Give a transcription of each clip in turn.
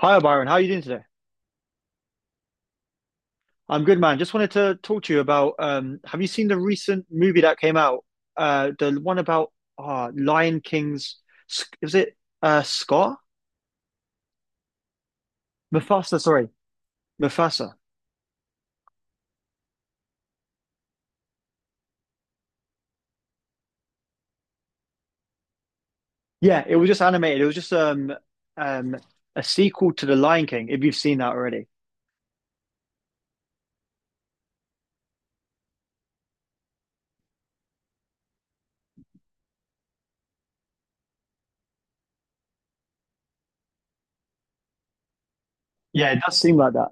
Hi, Byron. How are you doing today? I'm good, man. Just wanted to talk to you about have you seen the recent movie that came out? The one about Lion King's, was it Scar? Mufasa, sorry. Mufasa. Yeah, it was just animated. It was just um, a sequel to The Lion King, if you've seen that already. Yeah, it does seem like that.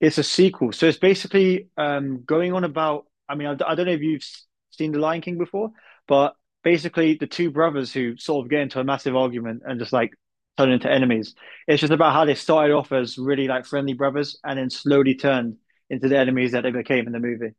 It's a sequel, so it's basically going on about. I mean, I don't know if you've seen The Lion King before, but basically the two brothers who sort of get into a massive argument and just like turn into enemies. It's just about how they started off as really like friendly brothers and then slowly turned into the enemies that they became in the movie.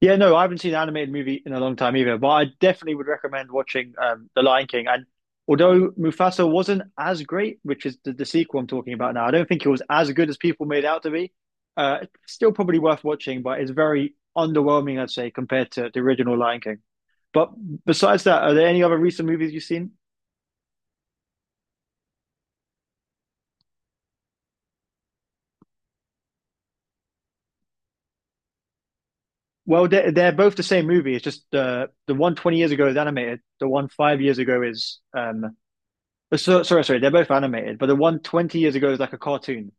Yeah, no, I haven't seen an animated movie in a long time either, but I definitely would recommend watching The Lion King. And although Mufasa wasn't as great, which is the sequel I'm talking about now, I don't think it was as good as people made out to be. It's still probably worth watching, but it's very underwhelming, I'd say, compared to the original Lion King. But besides that, are there any other recent movies you've seen? Well, they're both the same movie. It's just the one 20 years ago is animated, the one 5 years ago is so, sorry, they're both animated, but the one 20 years ago is like a cartoon.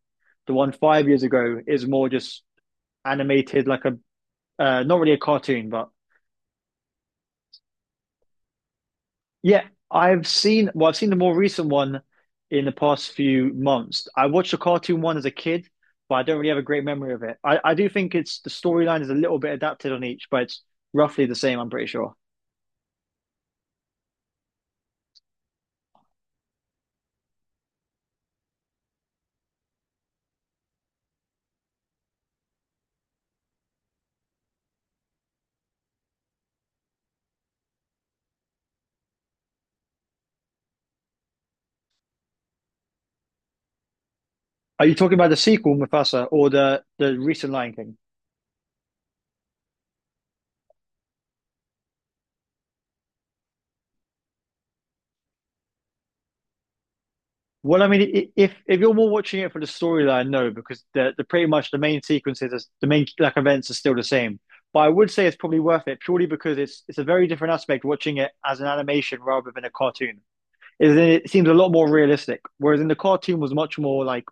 The one 5 years ago is more just animated, like a not really a cartoon, but yeah, I've seen. Well, I've seen the more recent one in the past few months. I watched the cartoon one as a kid, but I don't really have a great memory of it. I do think it's the storyline is a little bit adapted on each, but it's roughly the same. I'm pretty sure. Are you talking about the sequel, Mufasa, or the recent Lion King? Well, I mean, if you're more watching it for the storyline, no, because the pretty much the main sequences, the main like events are still the same. But I would say it's probably worth it purely because it's a very different aspect watching it as an animation rather than a cartoon. Is that it seems a lot more realistic, whereas in the cartoon was much more like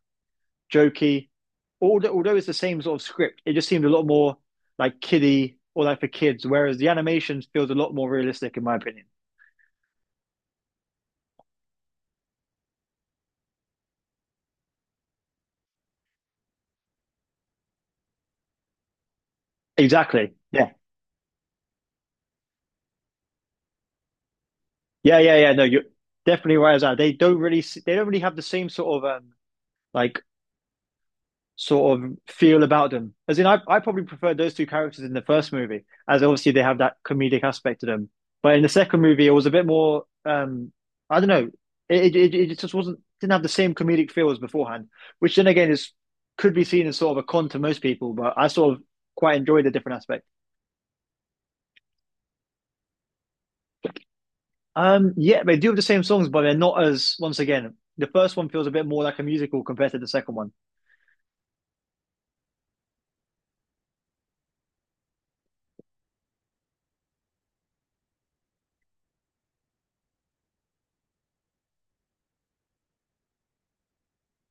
jokey. Although it's the same sort of script, it just seemed a lot more like kiddie or like for kids, whereas the animation feels a lot more realistic in my opinion. Exactly. Yeah. Yeah, yeah, yeah. No, you're definitely right as that. They don't really have the same sort of like sort of feel about them. As in, I probably prefer those two characters in the first movie, as obviously they have that comedic aspect to them. But in the second movie, it was a bit more, I don't know, it just wasn't didn't have the same comedic feel as beforehand, which then again is could be seen as sort of a con to most people. But I sort of quite enjoyed the different aspect. Yeah, they do have the same songs, but they're not as. Once again, the first one feels a bit more like a musical compared to the second one.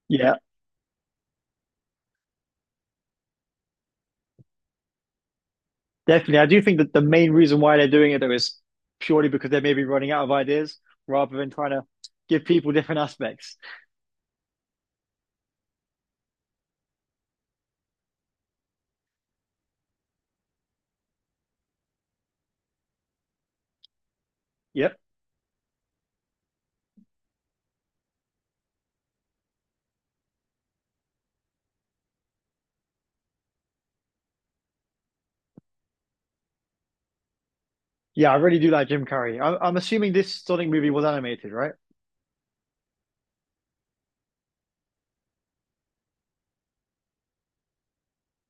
Yeah, definitely. I do think that the main reason why they're doing it though is purely because they may be running out of ideas rather than trying to give people different aspects. Yep. Yeah, I really do like Jim Carrey. I'm assuming this Sonic movie was animated, right?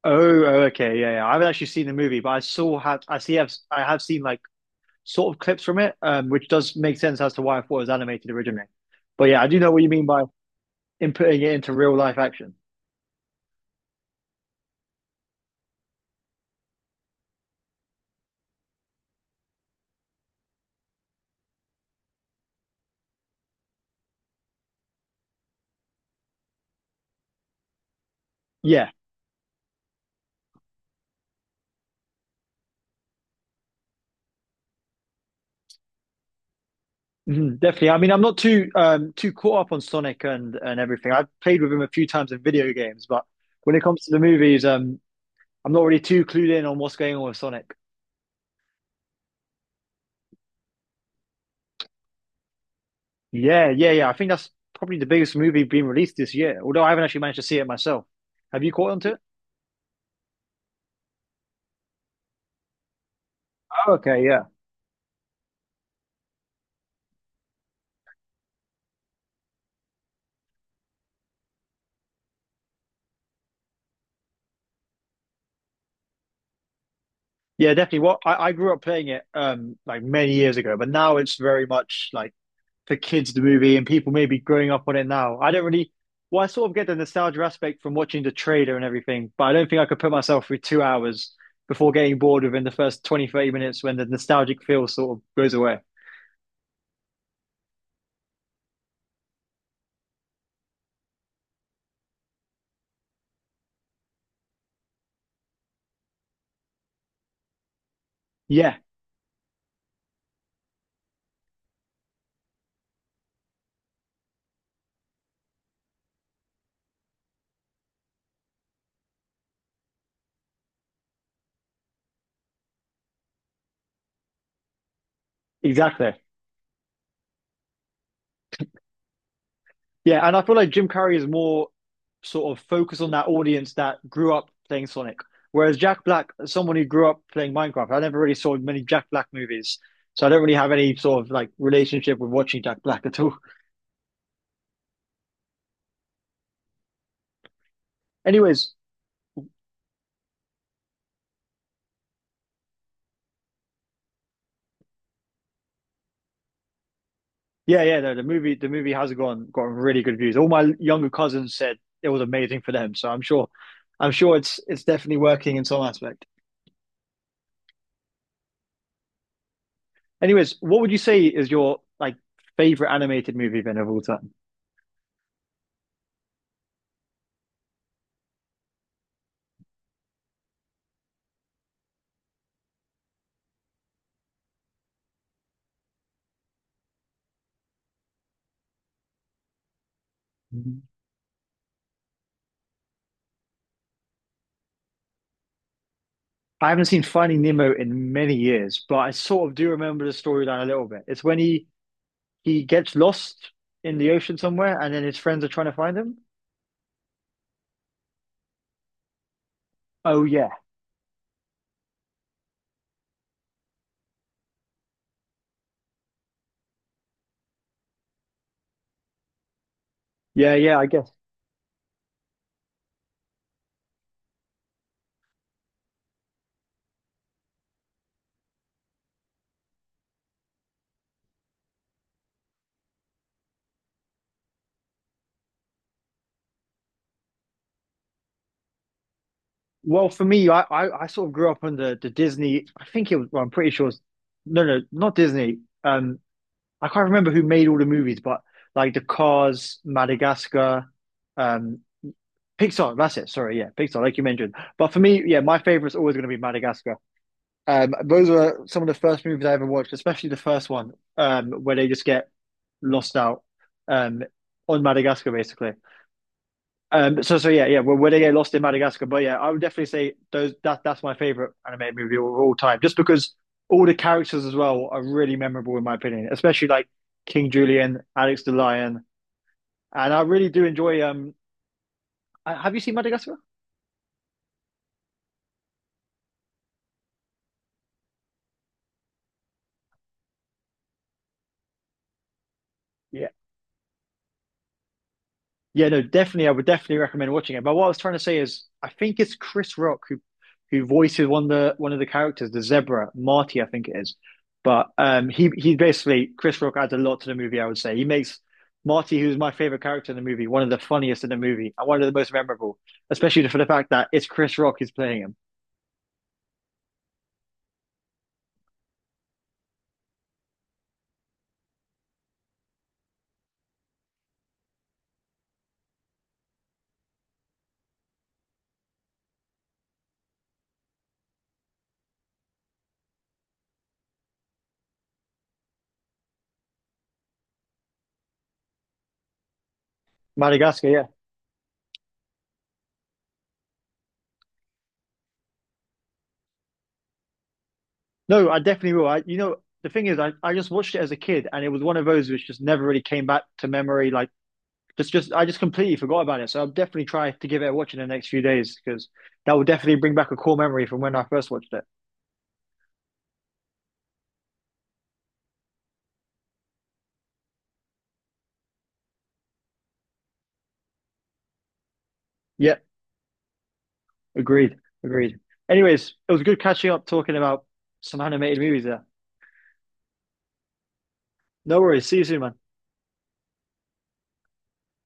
Oh, oh, okay, yeah, yeah. I haven't actually seen the movie, but I saw have I see have I have seen like sort of clips from it, which does make sense as to why I thought it was animated originally. But yeah, I do know what you mean by inputting it into real life action. Yeah, mhm, definitely. I mean, I'm not too too caught up on Sonic and everything. I've played with him a few times in video games, but when it comes to the movies, I'm not really too clued in on what's going on with Sonic. Yeah, yeah, yeah. I think that's probably the biggest movie being released this year, although I haven't actually managed to see it myself. Have you caught on to it? Oh, okay, yeah. Yeah, definitely. What I grew up playing it like many years ago, but now it's very much like for kids the movie and people maybe growing up on it now. I don't really, well, I sort of get the nostalgia aspect from watching the trailer and everything, but I don't think I could put myself through 2 hours before getting bored within the first 20, 30 minutes when the nostalgic feel sort of goes away. Yeah, exactly. Yeah, and I feel like Jim Carrey is more sort of focused on that audience that grew up playing Sonic. Whereas Jack Black, someone who grew up playing Minecraft, I never really saw many Jack Black movies. So I don't really have any sort of like relationship with watching Jack Black at all. Anyways, yeah, yeah, no, the movie has gone gotten really good views. All my younger cousins said it was amazing for them, so I'm sure it's definitely working in some aspect. Anyways, what would you say is your like favorite animated movie then of all time? I haven't seen Finding Nemo in many years, but I sort of do remember the storyline a little bit. It's when he gets lost in the ocean somewhere, and then his friends are trying to find him. Oh yeah, yeah, yeah. I guess. Well, for me, I sort of grew up on the Disney. I think it was. Well, I'm pretty sure. It's, no, no, Not Disney. I can't remember who made all the movies, but like the Cars, Madagascar, um, Pixar. That's it. Sorry, yeah, Pixar, like you mentioned. But for me, yeah, my favorite's always going to be Madagascar. Those were some of the first movies I ever watched, especially the first one, where they just get lost out um, on Madagascar, basically. So yeah, yeah, where they get lost in Madagascar. But yeah, I would definitely say those that that's my favorite animated movie of all time, just because all the characters as well are really memorable in my opinion, especially like King Julian, Alex the Lion, and I really do enjoy. Have you seen Madagascar? Yeah. Yeah, no, definitely. I would definitely recommend watching it. But what I was trying to say is, I think it's Chris Rock who voices one of the characters, the zebra, Marty, I think it is. But he basically Chris Rock adds a lot to the movie. I would say he makes Marty, who's my favorite character in the movie, one of the funniest in the movie and one of the most memorable, especially for the fact that it's Chris Rock who's playing him. Madagascar, yeah. No, I definitely will. I, you know, the thing is, I just watched it as a kid, and it was one of those which just never really came back to memory. Like just I just completely forgot about it. So I'll definitely try to give it a watch in the next few days because that will definitely bring back a core memory from when I first watched it. Yeah, agreed, agreed. Anyways, it was good catching up talking about some animated movies there. No worries. See you soon, man.